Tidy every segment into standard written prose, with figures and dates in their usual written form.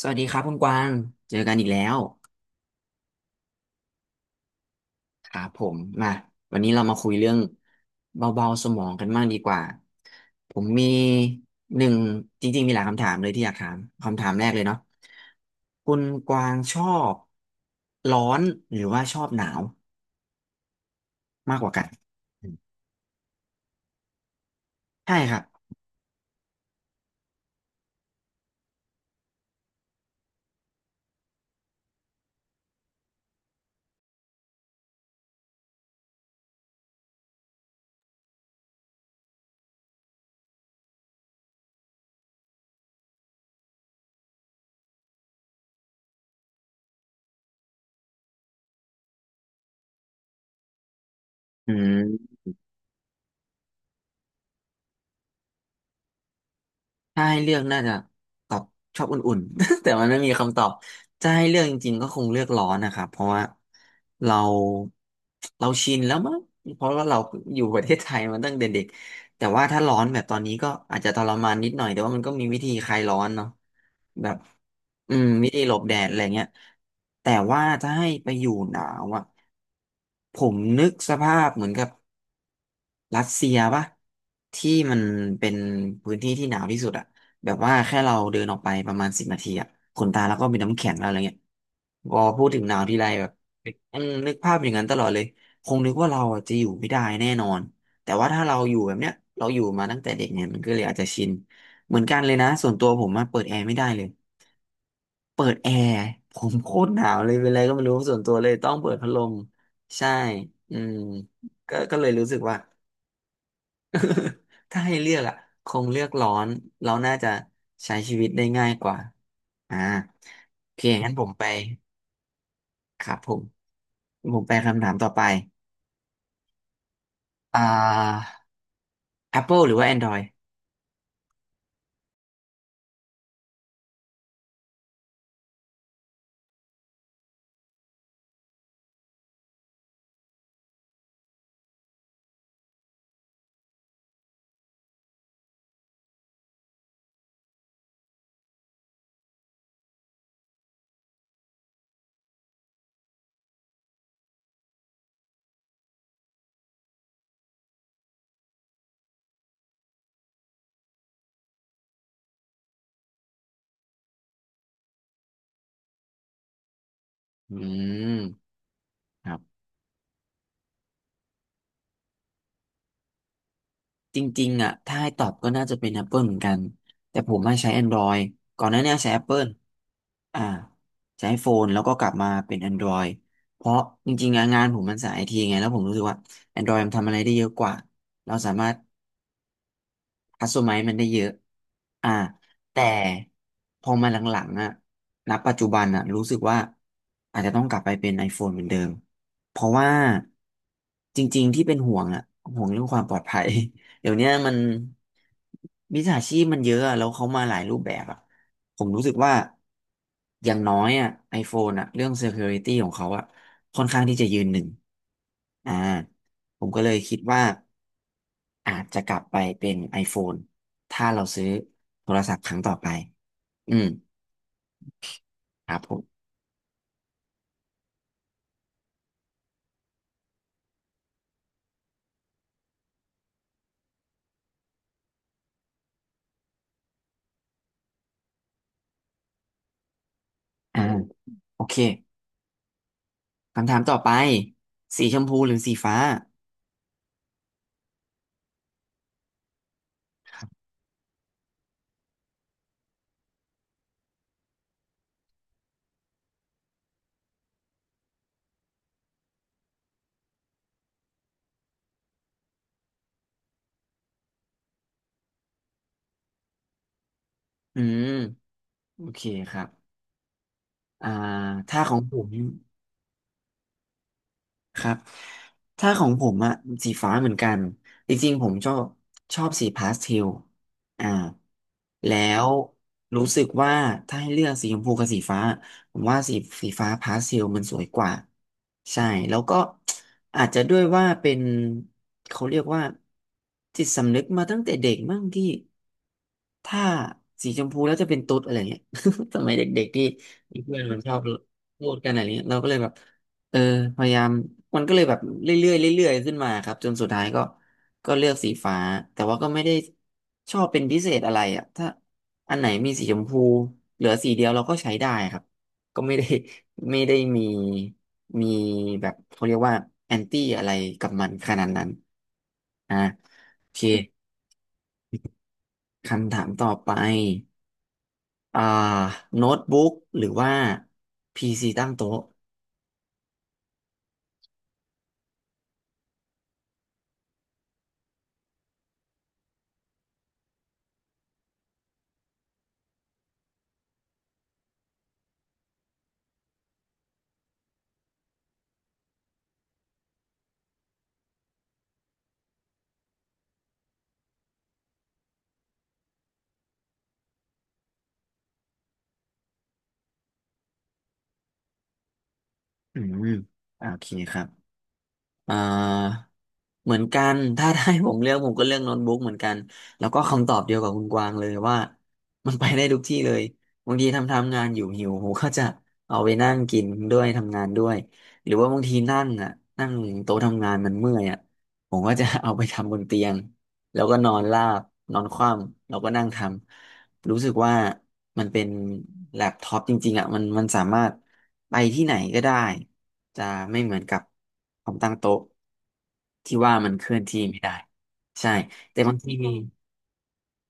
สวัสดีครับคุณกวาง เจอกันอีกแล้วครับผมมาวันนี้เรามาคุยเรื่องเบาๆสมองกันบ้างดีกว่าผมมีหนึ่งจริงๆมีหลายคำถามเลยที่อยากถามคำถามแรกเลยเนาะคุณกวางชอบร้อนหรือว่าชอบหนาวมากกว่ากันใช่ครับอืม ถ้าให้เลือกน่าจะตอบชอบอุ่นๆ แต่มันไม่มีคำตอบจะให้เลือกจริงๆก็คงเลือกร้อนนะครับเพราะว่าเราเราชินแล้วมั้งเพราะว่าเราอยู่ประเทศไทยมาตั้งแต่เด็กแต่ว่าถ้าร้อนแบบตอนนี้ก็อาจจะทรมานนิดหน่อยแต่ว่ามันก็มีวิธีคลายร้อนเนาะแบบวิธีหลบแดดอะไรเงี้ยแต่ว่าถ้าให้ไปอยู่หนาวอะผมนึกสภาพเหมือนกับ รัสเซียปะที่มันเป็นพื้นที่ที่หนาวที่สุดอะแบบว่าแค่เราเดินออกไปประมาณสิบนาทีอะขนตาแล้วก็มีน้ำแข็งแล้วอะไรเงี้ยพอพูดถึงหนาวทีไรแบบนึกภาพอย่างนั้นตลอดเลยคงนึกว่าเราอะจะอยู่ไม่ได้แน่นอนแต่ว่าถ้าเราอยู่แบบเนี้ยเราอยู่มาตั้งแต่เด็กเนี่ยมันก็เลยอาจจะชินเหมือนกันเลยนะส่วนตัวผมอะเปิดแอร์ไม่ได้เลยเปิดแอร์ผมโคตรหนาวเลยเป็นไรก็ไม่รู้ส่วนตัวเลยต้องเปิดพัดลมใช่อืมก็เลยรู้สึกว่า ถ้าให้เลือกอ่ะคงเลือกร้อนเราน่าจะใช้ชีวิตได้ง่ายกว่าอ่าโอเคงั้นผมไปครับผมผมไปคำถามต่อไปอ่า Apple หรือว่า Android อืมครับจริงๆอ่ะถ้าให้ตอบก็น่าจะเป็น Apple เหมือนกันแต่ผมไม่ใช้ Android ก่อนหน้าเนี้ใช้ Apple อ่าใช้โฟนแล้วก็กลับมาเป็น Android เพราะจริงๆอะงานผมมันสายไอทีไงแล้วผมรู้สึกว่า Android มันทำอะไรได้เยอะกว่าเราสามารถ ฮัตสึไมะมันได้เยอะอ่าแต่พอมาหลังๆอ่ะณปัจจุบันอ่ะรู้สึกว่าอาจจะต้องกลับไปเป็น iPhone เหมือนเดิมเพราะว่าจริงๆที่เป็นห่วงอ่ะห่วงเรื่องความปลอดภัย เดี๋ยวเนี้ยมันมิจฉาชีพมันเยอะอะแล้วเขามาหลายรูปแบบอ่ะผมรู้สึกว่าอย่างน้อยอ่ะ iPhone อ่ะเรื่อง security ของเขาอ่ะค่อนข้างที่จะยืนหนึ่งอ่า ผมก็เลยคิดว่าอาจจะกลับไปเป็น iPhone ถ้าเราซื้อโทรศัพท์ครั้งต่อไป อืม ครับผมอ่าโอเคคำถามต่อไปสีชมพูหรือสีฟ้า อืม โอเคครับอ่าถ้าของผม ครับถ้าของผมอะสีฟ้าเหมือนกันจริงๆผมชอบชอบสีพาสเทลอ่าแล้วรู้สึกว่าถ้าให้เลือกสีชมพูกับสีฟ้าผมว่าสีฟ้าพาสเทลมันสวยกว่าใช่แล้วก็อาจจะด้วยว่าเป็นเขาเรียกว่าจิตสำนึกมาตั้งแต่เด็กมั่งที่ถ้าสีชมพูแล้วจะเป็นตุ๊ดอะไรเงี้ย สมัยเด็กๆที่เพื่อนมันชอบพูดกันอะไรเงี้ยเราก็เลยแบบ เออพยายามมันก็เลยแบบเรื่อยๆเรื่อยๆขึ้นมาครับจนสุดท้ายก็เลือกสีฟ้าแต่ว่าก็ไม่ได้ชอบเป็นพิเศษอะไรอ่ะถ้าอันไหนมีสีชมพูเหลือสีเดียวเราก็ใช้ได้ครับก็ไม่ได้ ไม่ได้มีมีแบบเขาเรียกว่าแอนตี้อะไรกับมันขนาดนั้นอ่ะโอเคคำถามต่อไปอ่าโน้ตบุ๊กหรือว่าพีซีตั้งโต๊ะอืมโอเคครับ อ่าเหมือนกันถ้าได้ผมเลือกผมก็เลือกโน้ตบุ๊กเหมือนกันแล้วก็คำตอบเดียวกับคุณกวางเลยว่ามันไปได้ทุกที่เลยบางทีทำทำงานอยู่หิวผมก็จะเอาไปนั่งกินด้วยทำงานด้วยหรือว่าบางทีนั่งอ่ะนั่งโต๊ะทำงานมันเมื่อยอ่ะผมก็จะเอาไปทำบนเตียงแล้วก็นอนราบนอนคว่ำแล้วก็นั่งทำ รู้สึกว่ามันเป็นแล็ปท็อปจริงๆอ่ะมันสามารถไปที่ไหนก็ได้จะไม่เหมือนกับคอมตั้งโต๊ะที่ว่ามันเคลื่อนที่ไม่ได้ใช่แต่บางที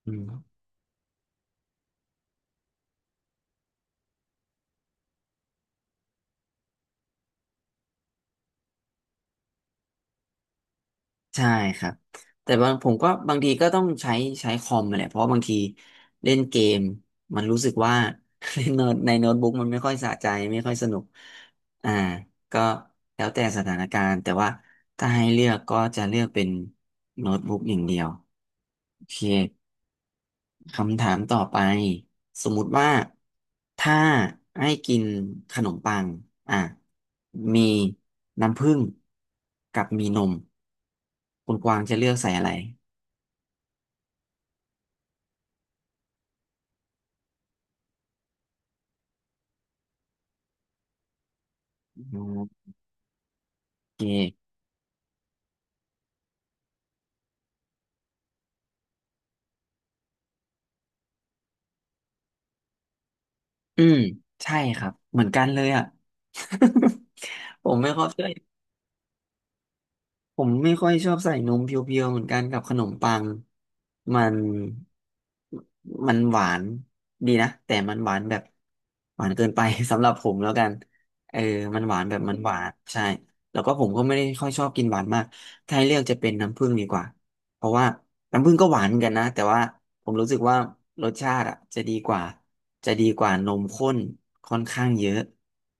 อืม ใช่ครับแต่บางผมก็บางทีก็ต้องใช้ใช้คอมมาแหละเพราะว่าบางทีเล่นเกมมันรู้สึกว่า เล่นโน้ตในโน้ตบุ๊กมันไม่ค่อยสะใจไม่ค่อยสนุกอ่าก็แล้วแต่สถานการณ์แต่ว่าถ้าให้เลือกก็จะเลือกเป็นโน้ตบุ๊กอย่างเดียวโอเค คำถามต่อไปสมมุติว่าถ้าให้กินขนมปังอ่ะมีน้ำผึ้งกับมีนมคุณกวางจะเลือกใส่อะไรอืมโอเคอืมใช่ครับเหมือนกันเลยอ่ะ ผมไม่ค่อยเชื่อ ผมไม่ค่อยชอบใส่นมเพียวๆเหมือนกันกับขนมปังมันมันหวานดีนะแต่มันหวานแบบหวานเกินไป สำหรับผมแล้วกันเออมันหวานแบบมันหวานใช่แล้วก็ผมก็ไม่ได้ค่อยชอบกินหวานมากถ้าให้เลือกจะเป็นน้ำผึ้งดีกว่าเพราะว่าน้ำผึ้งก็หวานเหมือนกันนะแต่ว่าผมรู้สึกว่ารสชาติอ่ะจะดีกว่าจะดีกว่านมข้นค่อนข้างเยอะ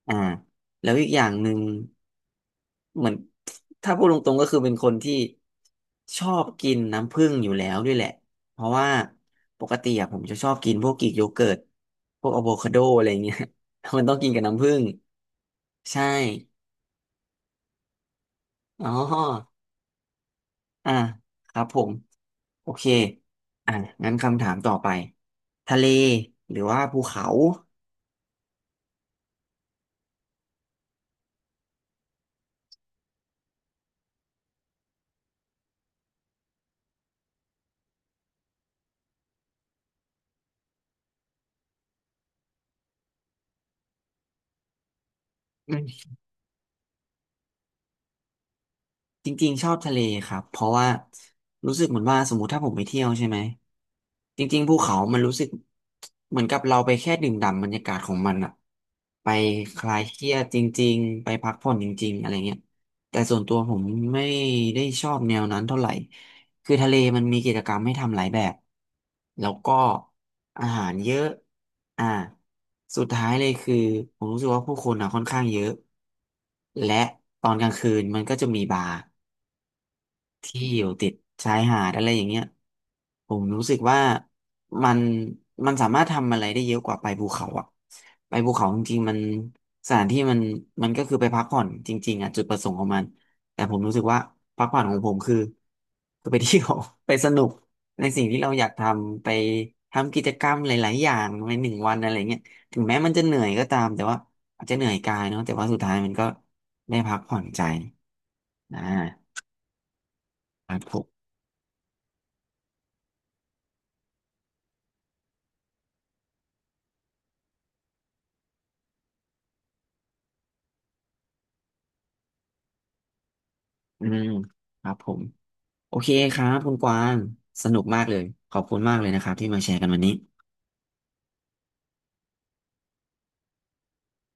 อ่า แล้วอีกอย่างหนึ่งเหมือนถ้าพูดตรงๆก็คือเป็นคนที่ชอบกินน้ำผึ้งอยู่แล้วด้วยแหละเพราะว่าปกติอะผมจะชอบกินพวกกรีกโยเกิร์ตพวกอะโวคาโดอะไรเงี้ย มันต้องกินกับน้ำผึ้งใช่อ๋ออ่ะครับผมโอเคอ่ะงั้นคำถามต่อไปทะเลหรือว่าภูเขา จริงๆชอบทะเลครับเพราะว่ารู้สึกเหมือนว่าสมมติถ้าผมไปเที่ยวใช่ไหมจริงๆภูเขามันรู้สึกเหมือนกับเราไปแค่ดื่มด่ำบรรยากาศของมันอะไปคลายเครียดจริงๆไปพักผ่อนจริงๆอะไรเงี้ยแต่ส่วนตัวผมไม่ได้ชอบแนวนั้นเท่าไหร่คือทะเลมันมีกิจกรรมให้ทำหลายแบบแล้วก็อาหารเยอะอ่าสุดท้ายเลยคือผมรู้สึกว่าผู้คนอะค่อนข้างเยอะและตอนกลางคืนมันก็จะมีบาร์ ที่อยู่ติดชายหาดอะไรอย่างเงี้ยผมรู้สึกว่ามันมันสามารถทำอะไรได้เยอะกว่าไปภูเขาอะไปภูเขาจริงๆมันสถานที่มันก็คือไปพักผ่อนจริงๆอะจุดประสงค์ของมันแต่ผมรู้สึกว่าพักผ่อนของผมคือคือไปเที่ยว ไปสนุกในสิ่งที่เราอยากทำไปทำกิจกรรมหลายๆอย่างในหนึ่งวันอะไรเงี้ยถึงแม้มันจะเหนื่อยก็ตามแต่ว่าอาจจะเหนื่อยกายเนาะแต่ว่าสุดท้ายมันก็ได้พักผ่อนใจนะครับผม อืมครับผมโอเคครับคุณกวางสนุกมากเลยขอบคุณมากเลยนะครับที่มาแชร์กันวันนี้